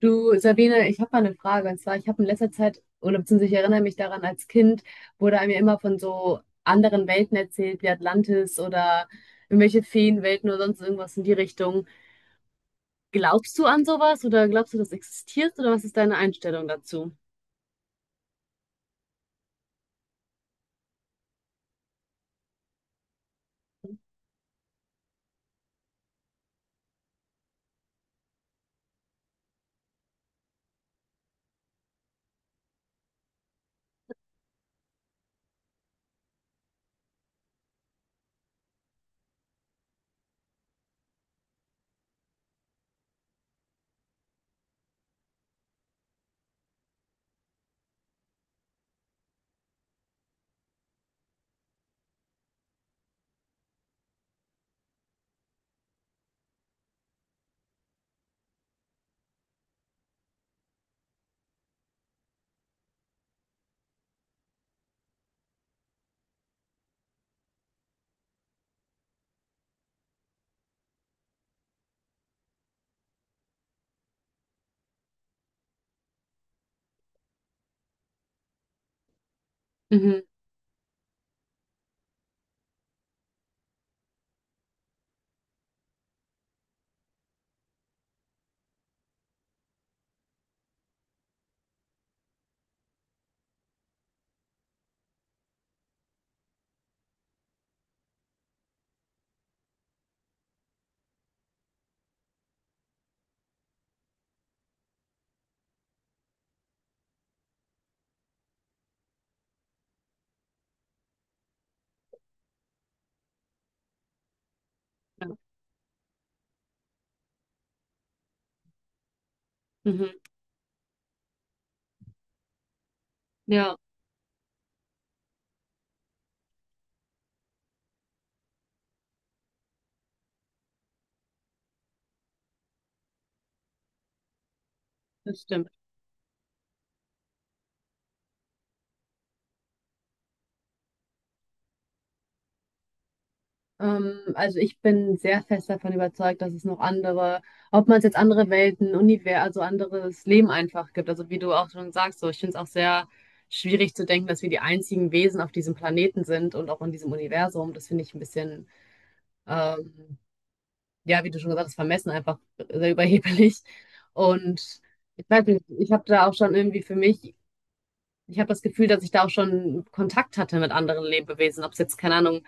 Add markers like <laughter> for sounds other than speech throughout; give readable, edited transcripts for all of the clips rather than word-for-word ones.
Du, Sabine, ich habe mal eine Frage. Und zwar, ich habe in letzter Zeit, oder beziehungsweise ich erinnere mich daran, als Kind wurde einem ja immer von so anderen Welten erzählt, wie Atlantis oder irgendwelche Feenwelten oder sonst irgendwas in die Richtung. Glaubst du an sowas oder glaubst du, das existiert oder was ist deine Einstellung dazu? Mhm. Ja. Mhm. Ja, das stimmt. Also ich bin sehr fest davon überzeugt, dass es noch andere, ob man es jetzt andere Welten, Universen, also anderes Leben einfach gibt. Also wie du auch schon sagst, so ich finde es auch sehr schwierig zu denken, dass wir die einzigen Wesen auf diesem Planeten sind und auch in diesem Universum. Das finde ich ein bisschen, ähm, ja, wie du schon gesagt hast, vermessen einfach sehr überheblich. Und ich weiß nicht, ich habe da auch schon irgendwie für mich, ich habe das Gefühl, dass ich da auch schon Kontakt hatte mit anderen Lebewesen, ob es jetzt, keine Ahnung,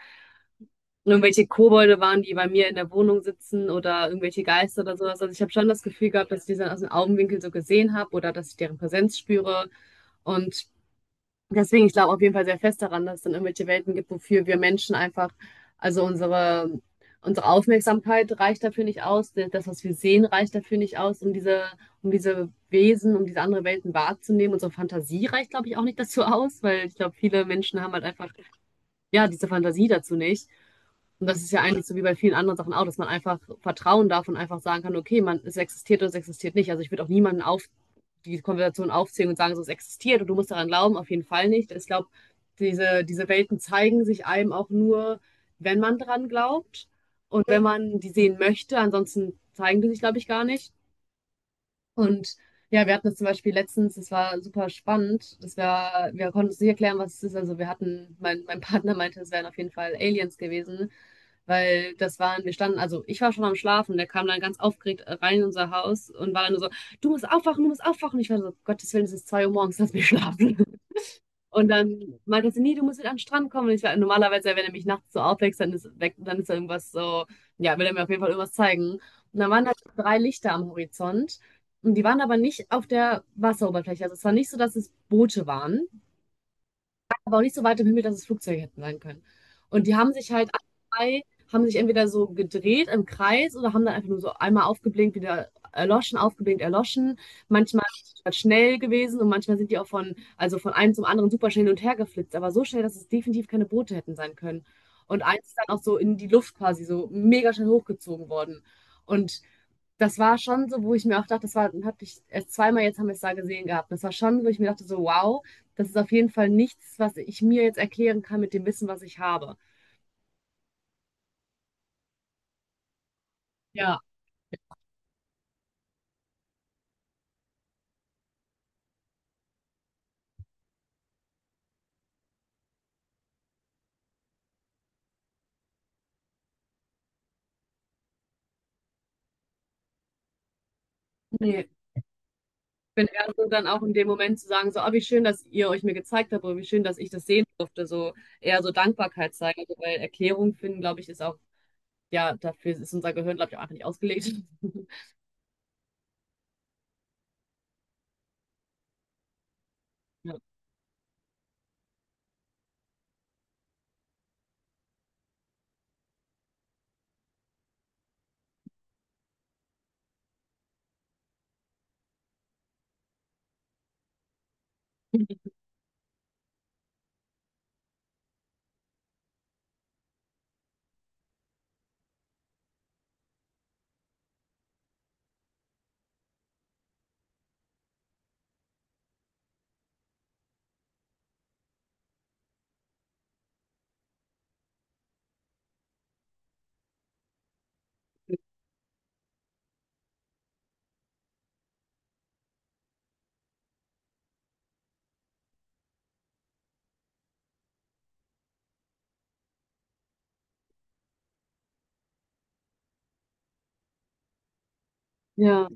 irgendwelche Kobolde waren, die bei mir in der Wohnung sitzen oder irgendwelche Geister oder sowas. Also ich habe schon das Gefühl gehabt, dass ich die dann aus dem Augenwinkel so gesehen habe oder dass ich deren Präsenz spüre. Und deswegen, ich glaube auf jeden Fall sehr fest daran, dass es dann irgendwelche Welten gibt, wofür wir Menschen einfach, also unsere, unsere Aufmerksamkeit reicht dafür nicht aus, das, was wir sehen, reicht dafür nicht aus, um diese Wesen, um diese andere Welten wahrzunehmen. Unsere Fantasie reicht, glaube ich, auch nicht dazu aus, weil ich glaube, viele Menschen haben halt einfach, ja, diese Fantasie dazu nicht. Und das ist ja eigentlich so wie bei vielen anderen Sachen auch, dass man einfach vertrauen darf und einfach sagen kann, okay, man, es existiert oder es existiert nicht. Also ich würde auch niemanden auf die Konversation aufzählen und sagen, so es existiert und du musst daran glauben, auf jeden Fall nicht. Ich glaube, diese Welten zeigen sich einem auch nur, wenn man dran glaubt und wenn man die sehen möchte. Ansonsten zeigen die sich, glaube ich, gar nicht. Und ja, wir hatten das zum Beispiel letztens, das war super spannend. Das war, wir konnten uns nicht erklären, was es ist. Also wir hatten, mein Partner meinte, es wären auf jeden Fall Aliens gewesen. Weil das waren, wir standen, also ich war schon am Schlafen, der kam dann ganz aufgeregt rein in unser Haus und war dann nur so, du musst aufwachen, du musst aufwachen. Ich war so, Gottes Willen, es ist 2 Uhr morgens, lass mich schlafen. <laughs> Und dann meinte sie, nee, du musst wieder an den Strand kommen. Und ich war, normalerweise, wenn er mich nachts so aufwächst, dann ist, weg, dann ist da irgendwas so, ja, will er mir auf jeden Fall irgendwas zeigen. Und dann waren da drei Lichter am Horizont. Und die waren aber nicht auf der Wasseroberfläche. Also es war nicht so, dass es Boote waren, aber auch nicht so weit im Himmel, dass es Flugzeuge hätten sein können. Und die haben sich halt alle drei, haben sich entweder so gedreht im Kreis oder haben dann einfach nur so einmal aufgeblinkt, wieder erloschen, aufgeblinkt, erloschen. Manchmal sind die schnell gewesen und manchmal sind die auch von, also von einem zum anderen super schnell hin und her geflitzt, aber so schnell, dass es definitiv keine Boote hätten sein können. Und eins ist dann auch so in die Luft quasi so mega schnell hochgezogen worden. Und das war schon so, wo ich mir auch dachte, das war, hatte ich erst zweimal, jetzt haben wir es da gesehen gehabt. Das war schon, wo ich mir dachte, so, wow, das ist auf jeden Fall nichts, was ich mir jetzt erklären kann mit dem Wissen, was ich habe. Ja, Nee. Ich bin eher so dann auch in dem Moment zu sagen, so, ah, wie schön, dass ihr euch mir gezeigt habt oder wie schön, dass ich das sehen durfte. So eher so Dankbarkeit zeigen. Also, weil Erklärung finden, glaube ich, ist auch, ja, dafür ist unser Gehirn, glaube ich, auch einfach nicht ausgelegt. <laughs> ja, Ja.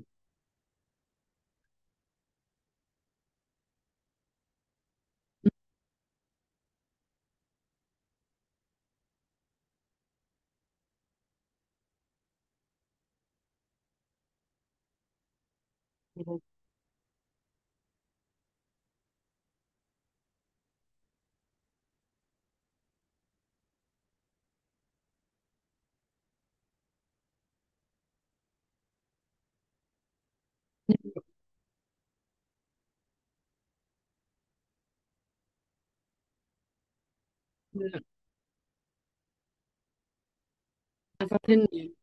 Ja. Einfach hinnehmen.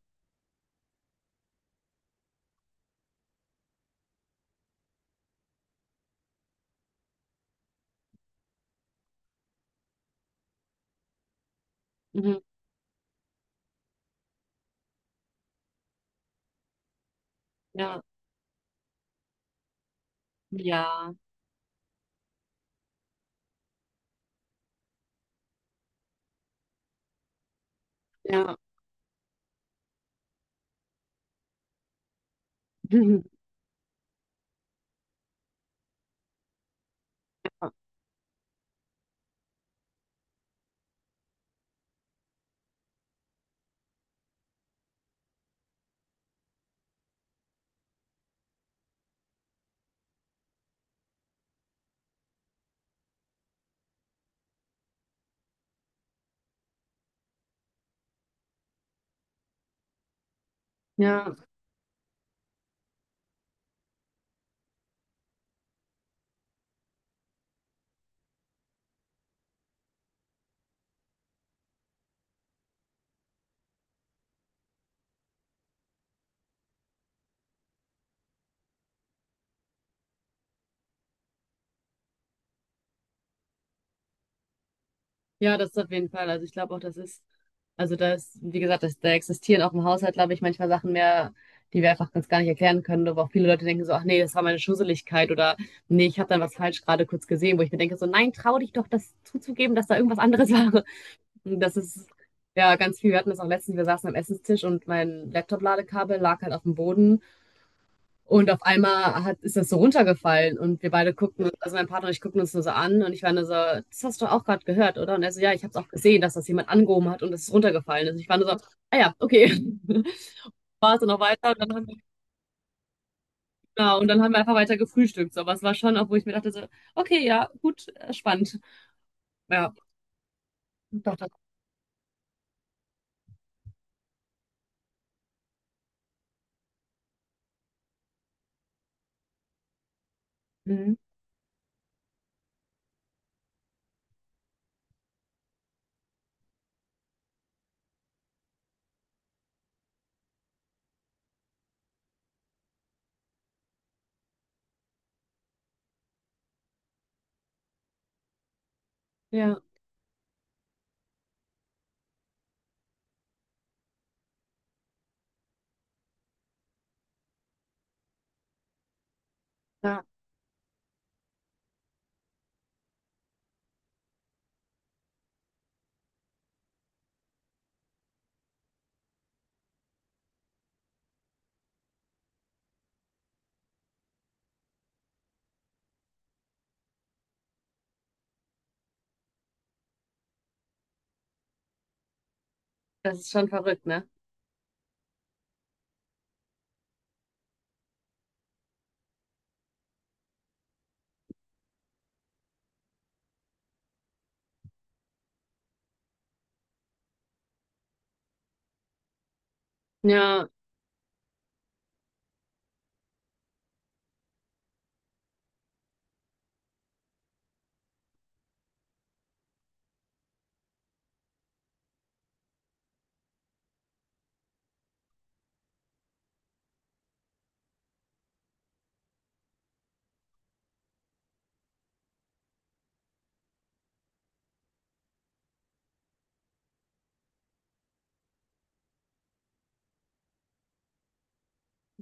Mhm. Ja. Ja. Ja. <laughs> Ja. Ja. Ja, das ist auf jeden Fall. Also ich glaube auch, das ist, also da ist, wie gesagt, das, da existieren auch im Haushalt, glaube ich, manchmal Sachen mehr, die wir einfach ganz gar nicht erklären können, wo auch viele Leute denken so, ach nee, das war meine Schusseligkeit oder nee, ich habe dann was falsch gerade kurz gesehen, wo ich mir denke so, nein, trau dich doch, das zuzugeben, dass da irgendwas anderes <laughs> war. Und das ist ja ganz viel. Wir hatten das auch letztens, wir saßen am Essenstisch und mein Laptop-Ladekabel lag halt auf dem Boden. Und auf einmal hat, ist das so runtergefallen und wir beide guckten, also mein Partner und ich guckten uns nur so an und ich war nur so, das hast du auch gerade gehört, oder? Und er so, ja, ich habe es auch gesehen, dass das jemand angehoben hat und es ist runtergefallen. Also ich war nur so, ah ja, okay. <laughs> War es dann noch weiter und dann haben wir, genau, und dann haben wir einfach weiter gefrühstückt. So, aber es war schon auch, wo ich mir dachte so, okay, ja, gut, spannend. Ja, doch, das, mhm. Ja, ja, das ist schon verrückt, ne? Ja,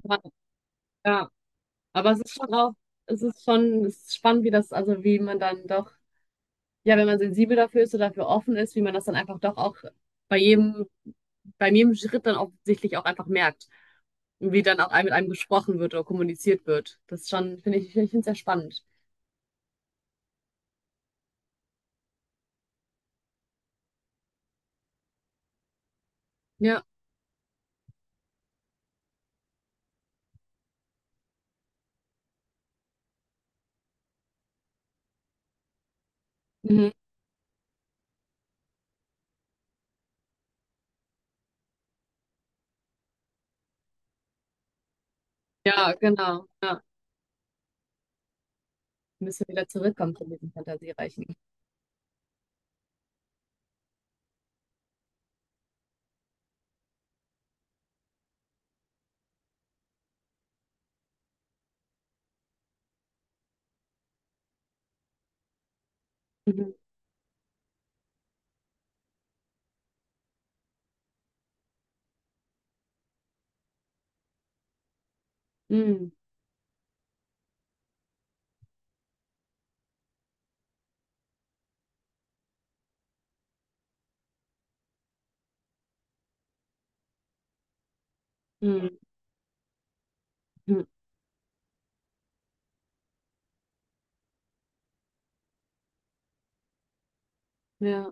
ja, ja. Aber es ist schon auch, es ist schon, es ist spannend, wie das, also wie man dann doch ja, wenn man sensibel dafür ist oder dafür offen ist, wie man das dann einfach doch auch bei jedem, bei jedem Schritt dann offensichtlich auch einfach merkt, wie dann auch mit einem gesprochen wird oder kommuniziert wird. Das ist schon, finde ich, ich finde ich sehr spannend. Ja. Mhm. Ja, genau. Ja. Wir müssen wieder zurückkommen zu diesen Fantasiereichen. Mhm. Mhm. Mhm. Mhm. Ja,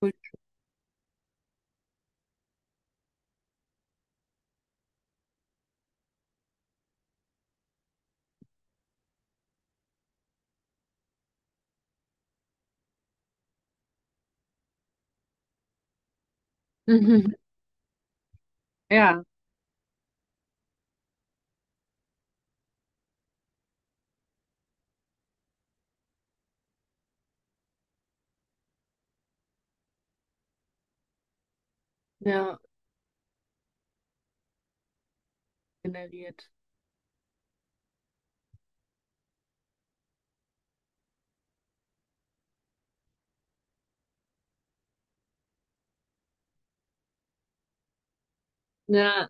cool. Mhm. Ja, ja, generiert. Ja.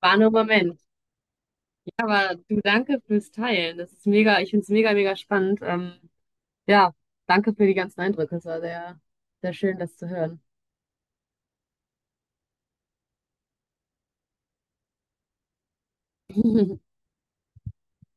War nur ein Moment. Ja, aber du danke fürs Teilen. Das ist mega, ich finde es mega, mega spannend. Ja, danke für die ganzen Eindrücke. Es war sehr, sehr schön, das zu hören. <laughs>